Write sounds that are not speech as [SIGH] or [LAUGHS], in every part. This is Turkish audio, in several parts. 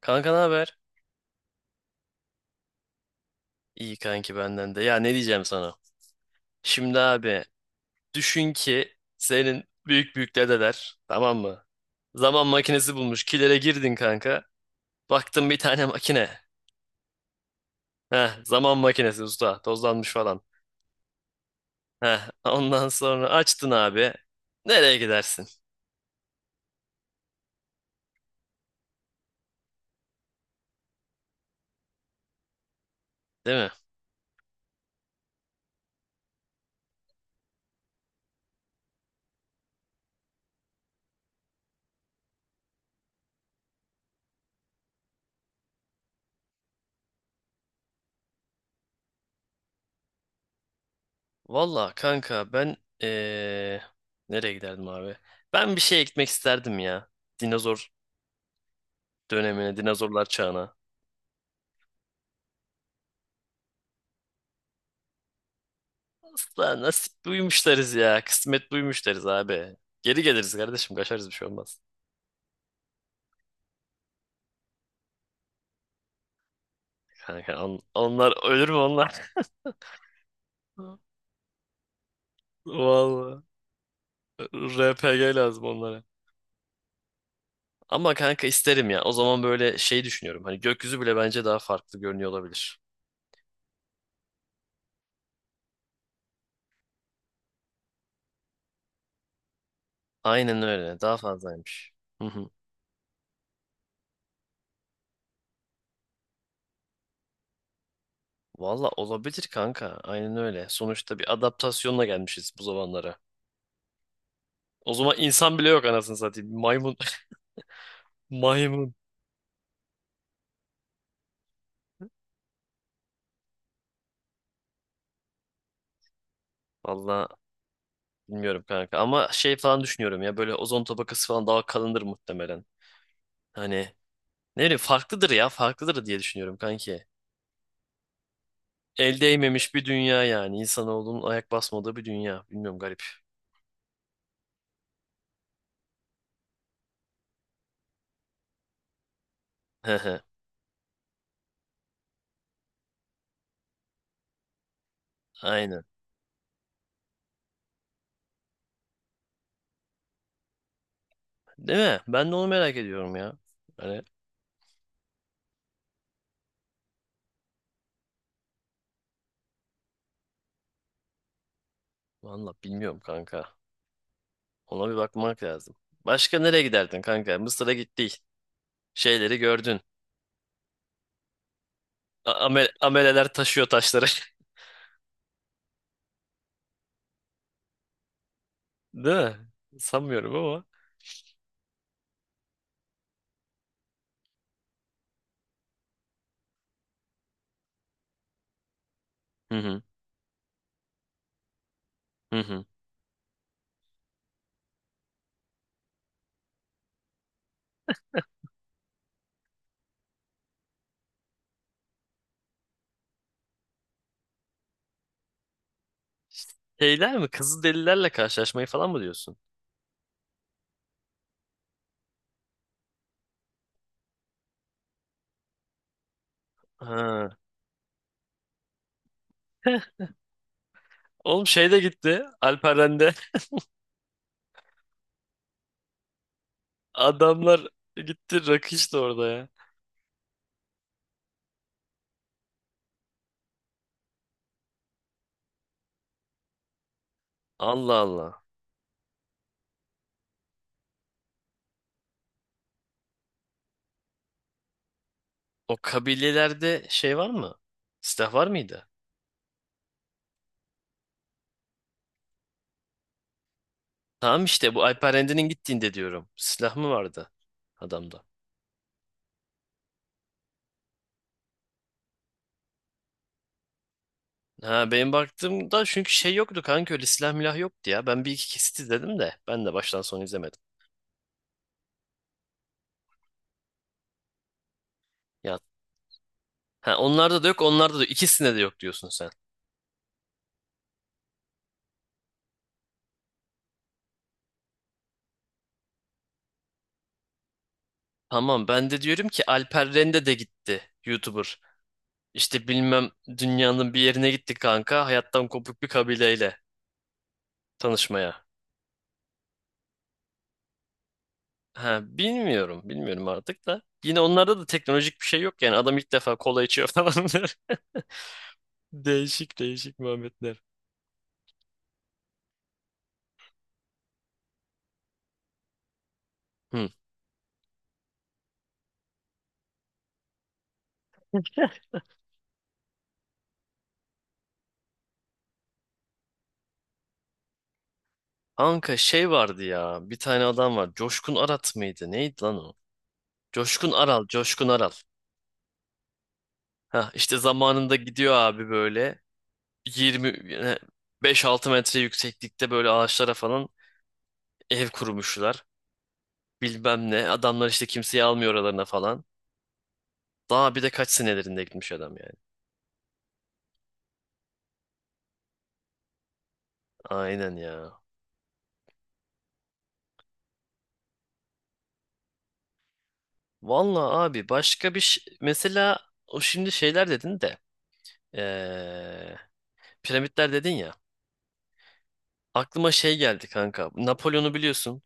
Kanka ne haber? İyi kanki benden de. Ya ne diyeceğim sana? Şimdi abi düşün ki senin büyük büyük dedeler tamam mı? Zaman makinesi bulmuş. Kilere girdin kanka. Baktın bir tane makine. Heh, zaman makinesi usta. Tozlanmış falan. Heh, ondan sonra açtın abi. Nereye gidersin? Değil mi? Valla kanka ben ee, nereye giderdim abi? Ben bir şeye gitmek isterdim ya. Dinozor dönemine, dinozorlar çağına. Usta nasip duymuş deriz ya. Kısmet duymuş deriz abi. Geri geliriz kardeşim. Kaçarız bir şey olmaz. Kanka onlar ölür mü onlar? [LAUGHS] Vallahi RPG lazım onlara. Ama kanka isterim ya. O zaman böyle şey düşünüyorum. Hani gökyüzü bile bence daha farklı görünüyor olabilir. Aynen öyle. Daha fazlaymış. Hı hı. Valla olabilir kanka. Aynen öyle. Sonuçta bir adaptasyonla gelmişiz bu zamanlara. O zaman insan bile yok, anasını satayım. Maymun. [LAUGHS] Maymun. Valla bilmiyorum kanka, ama şey falan düşünüyorum ya, böyle ozon tabakası falan daha kalındır muhtemelen. Hani ne bileyim, farklıdır ya, farklıdır diye düşünüyorum kanki. El değmemiş bir dünya, yani insanoğlunun ayak basmadığı bir dünya. Bilmiyorum, garip. [LAUGHS] Hehe. Aynen. Değil mi? Ben de onu merak ediyorum ya. Hani valla bilmiyorum kanka. Ona bir bakmak lazım. Başka nereye giderdin kanka? Mısır'a gittik. Şeyleri gördün. Ameleler taşıyor taşları. [LAUGHS] Değil mi? Sanmıyorum ama. Hı hı. Hı hı. Şeyler mi? Kızılderililerle karşılaşmayı falan mı diyorsun? Ha. [LAUGHS] Oğlum şey de gitti. Alperen'de. [LAUGHS] Adamlar gitti. Rakı içti orada ya. Allah Allah. O kabilelerde şey var mı? Silah var mıydı? Tamam, işte bu Alperen'de'nin gittiğinde diyorum. Silah mı vardı adamda? Ha, benim baktığımda çünkü şey yoktu kanka, öyle silah milah yoktu ya. Ben bir iki kesit izledim de, ben de baştan sona izlemedim. Ya, ha onlarda da yok, onlarda da yok. İkisinde de yok diyorsun sen. Tamam, ben de diyorum ki Alper Rende de gitti, YouTuber. İşte bilmem, dünyanın bir yerine gitti kanka, hayattan kopuk bir kabileyle tanışmaya. Ha, bilmiyorum bilmiyorum artık da. Yine onlarda da teknolojik bir şey yok yani, adam ilk defa kola içiyor [LAUGHS] falan. Değişik değişik muhabbetler. Hı. Kanka şey vardı ya, bir tane adam var, Coşkun Arat mıydı neydi lan o? Coşkun Aral, Coşkun Aral. Ha işte zamanında gidiyor abi böyle. 20 beş altı metre yükseklikte böyle ağaçlara falan ev kurmuşlar. Bilmem ne. Adamlar işte kimseyi almıyor oralarına falan. Daha bir de kaç senelerinde gitmiş adam yani. Aynen ya. Vallahi abi başka bir şey. Mesela o, şimdi şeyler dedin de. eee, Piramitler dedin ya. Aklıma şey geldi kanka. Napolyon'u biliyorsun.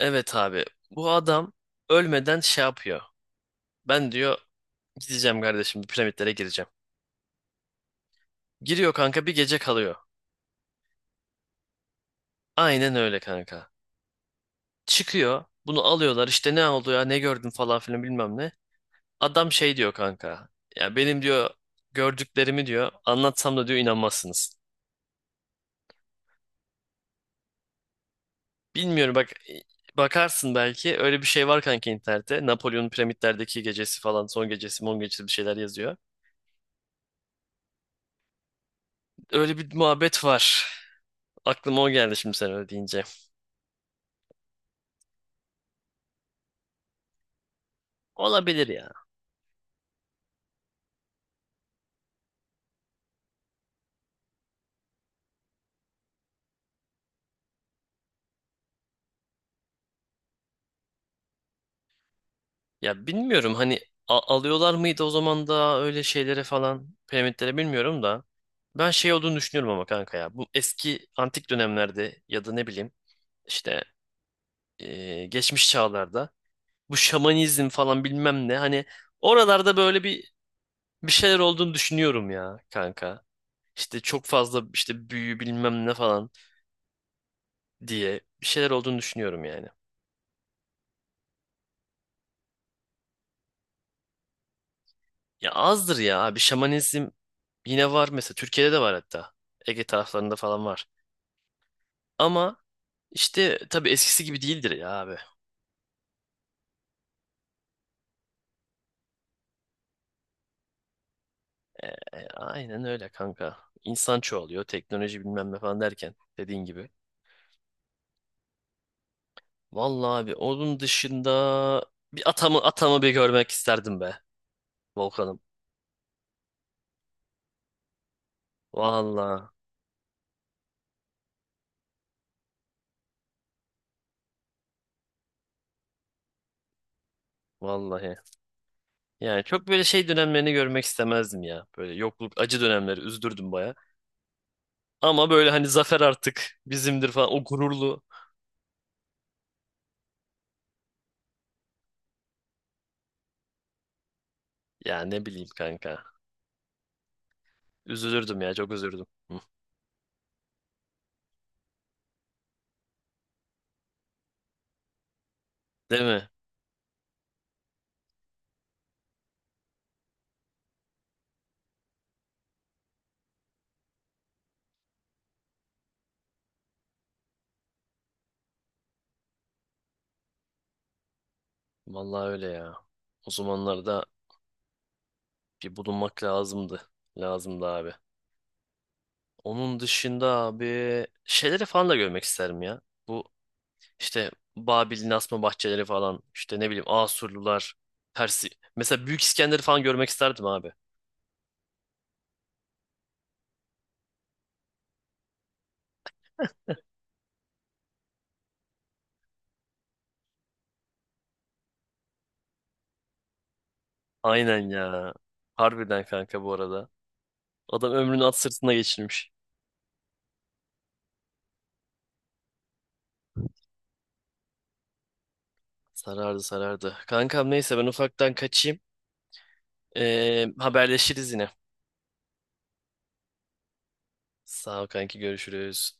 Evet abi. Bu adam ölmeden şey yapıyor. Ben diyor gideceğim kardeşim, piramitlere gireceğim. Giriyor kanka, bir gece kalıyor. Aynen öyle kanka. Çıkıyor. Bunu alıyorlar, işte ne oldu ya, ne gördün falan filan, bilmem ne. Adam şey diyor kanka. Ya benim diyor gördüklerimi diyor anlatsam da diyor inanmazsınız. Bilmiyorum, bak, bakarsın belki öyle bir şey var kanka internette. Napolyon'un piramitlerdeki gecesi falan, son gecesi mon gecesi, bir şeyler yazıyor. Öyle bir muhabbet var. Aklıma o geldi şimdi sen öyle deyince. Olabilir ya. Ya bilmiyorum hani, alıyorlar mıydı o zaman da öyle şeylere falan, piramitlere, bilmiyorum da. Ben şey olduğunu düşünüyorum ama kanka ya. Bu eski antik dönemlerde, ya da ne bileyim işte, geçmiş çağlarda bu şamanizm falan bilmem ne, hani oralarda böyle bir şeyler olduğunu düşünüyorum ya kanka. İşte çok fazla işte büyü bilmem ne falan diye bir şeyler olduğunu düşünüyorum yani. Ya azdır ya abi, şamanizm yine var mesela, Türkiye'de de var hatta. Ege taraflarında falan var. Ama işte tabii eskisi gibi değildir ya abi. E, aynen öyle kanka. İnsan çoğalıyor, teknoloji bilmem ne falan derken, dediğin gibi. Vallahi abi onun dışında bir atamı bir görmek isterdim be Volkan'ım. Vallahi vallahi. Yani çok böyle şey dönemlerini görmek istemezdim ya. Böyle yokluk, acı dönemleri üzdürdüm baya. Ama böyle hani zafer artık bizimdir falan, o gururlu. Ya ne bileyim kanka. Üzülürdüm ya, çok üzüldüm. Değil mi? Vallahi öyle ya. O zamanlarda bir bulunmak lazımdı. Lazımdı abi. Onun dışında abi şeyleri falan da görmek isterim ya. Bu işte Babil'in asma bahçeleri falan, işte ne bileyim Asurlular, Persi. Mesela Büyük İskender'i falan görmek isterdim abi. Aynen ya. Harbiden kanka bu arada. Adam ömrünü at sırtına geçirmiş. Sarardı, sarardı. Kankam neyse ben ufaktan kaçayım. Haberleşiriz yine. Sağ ol kanki, görüşürüz.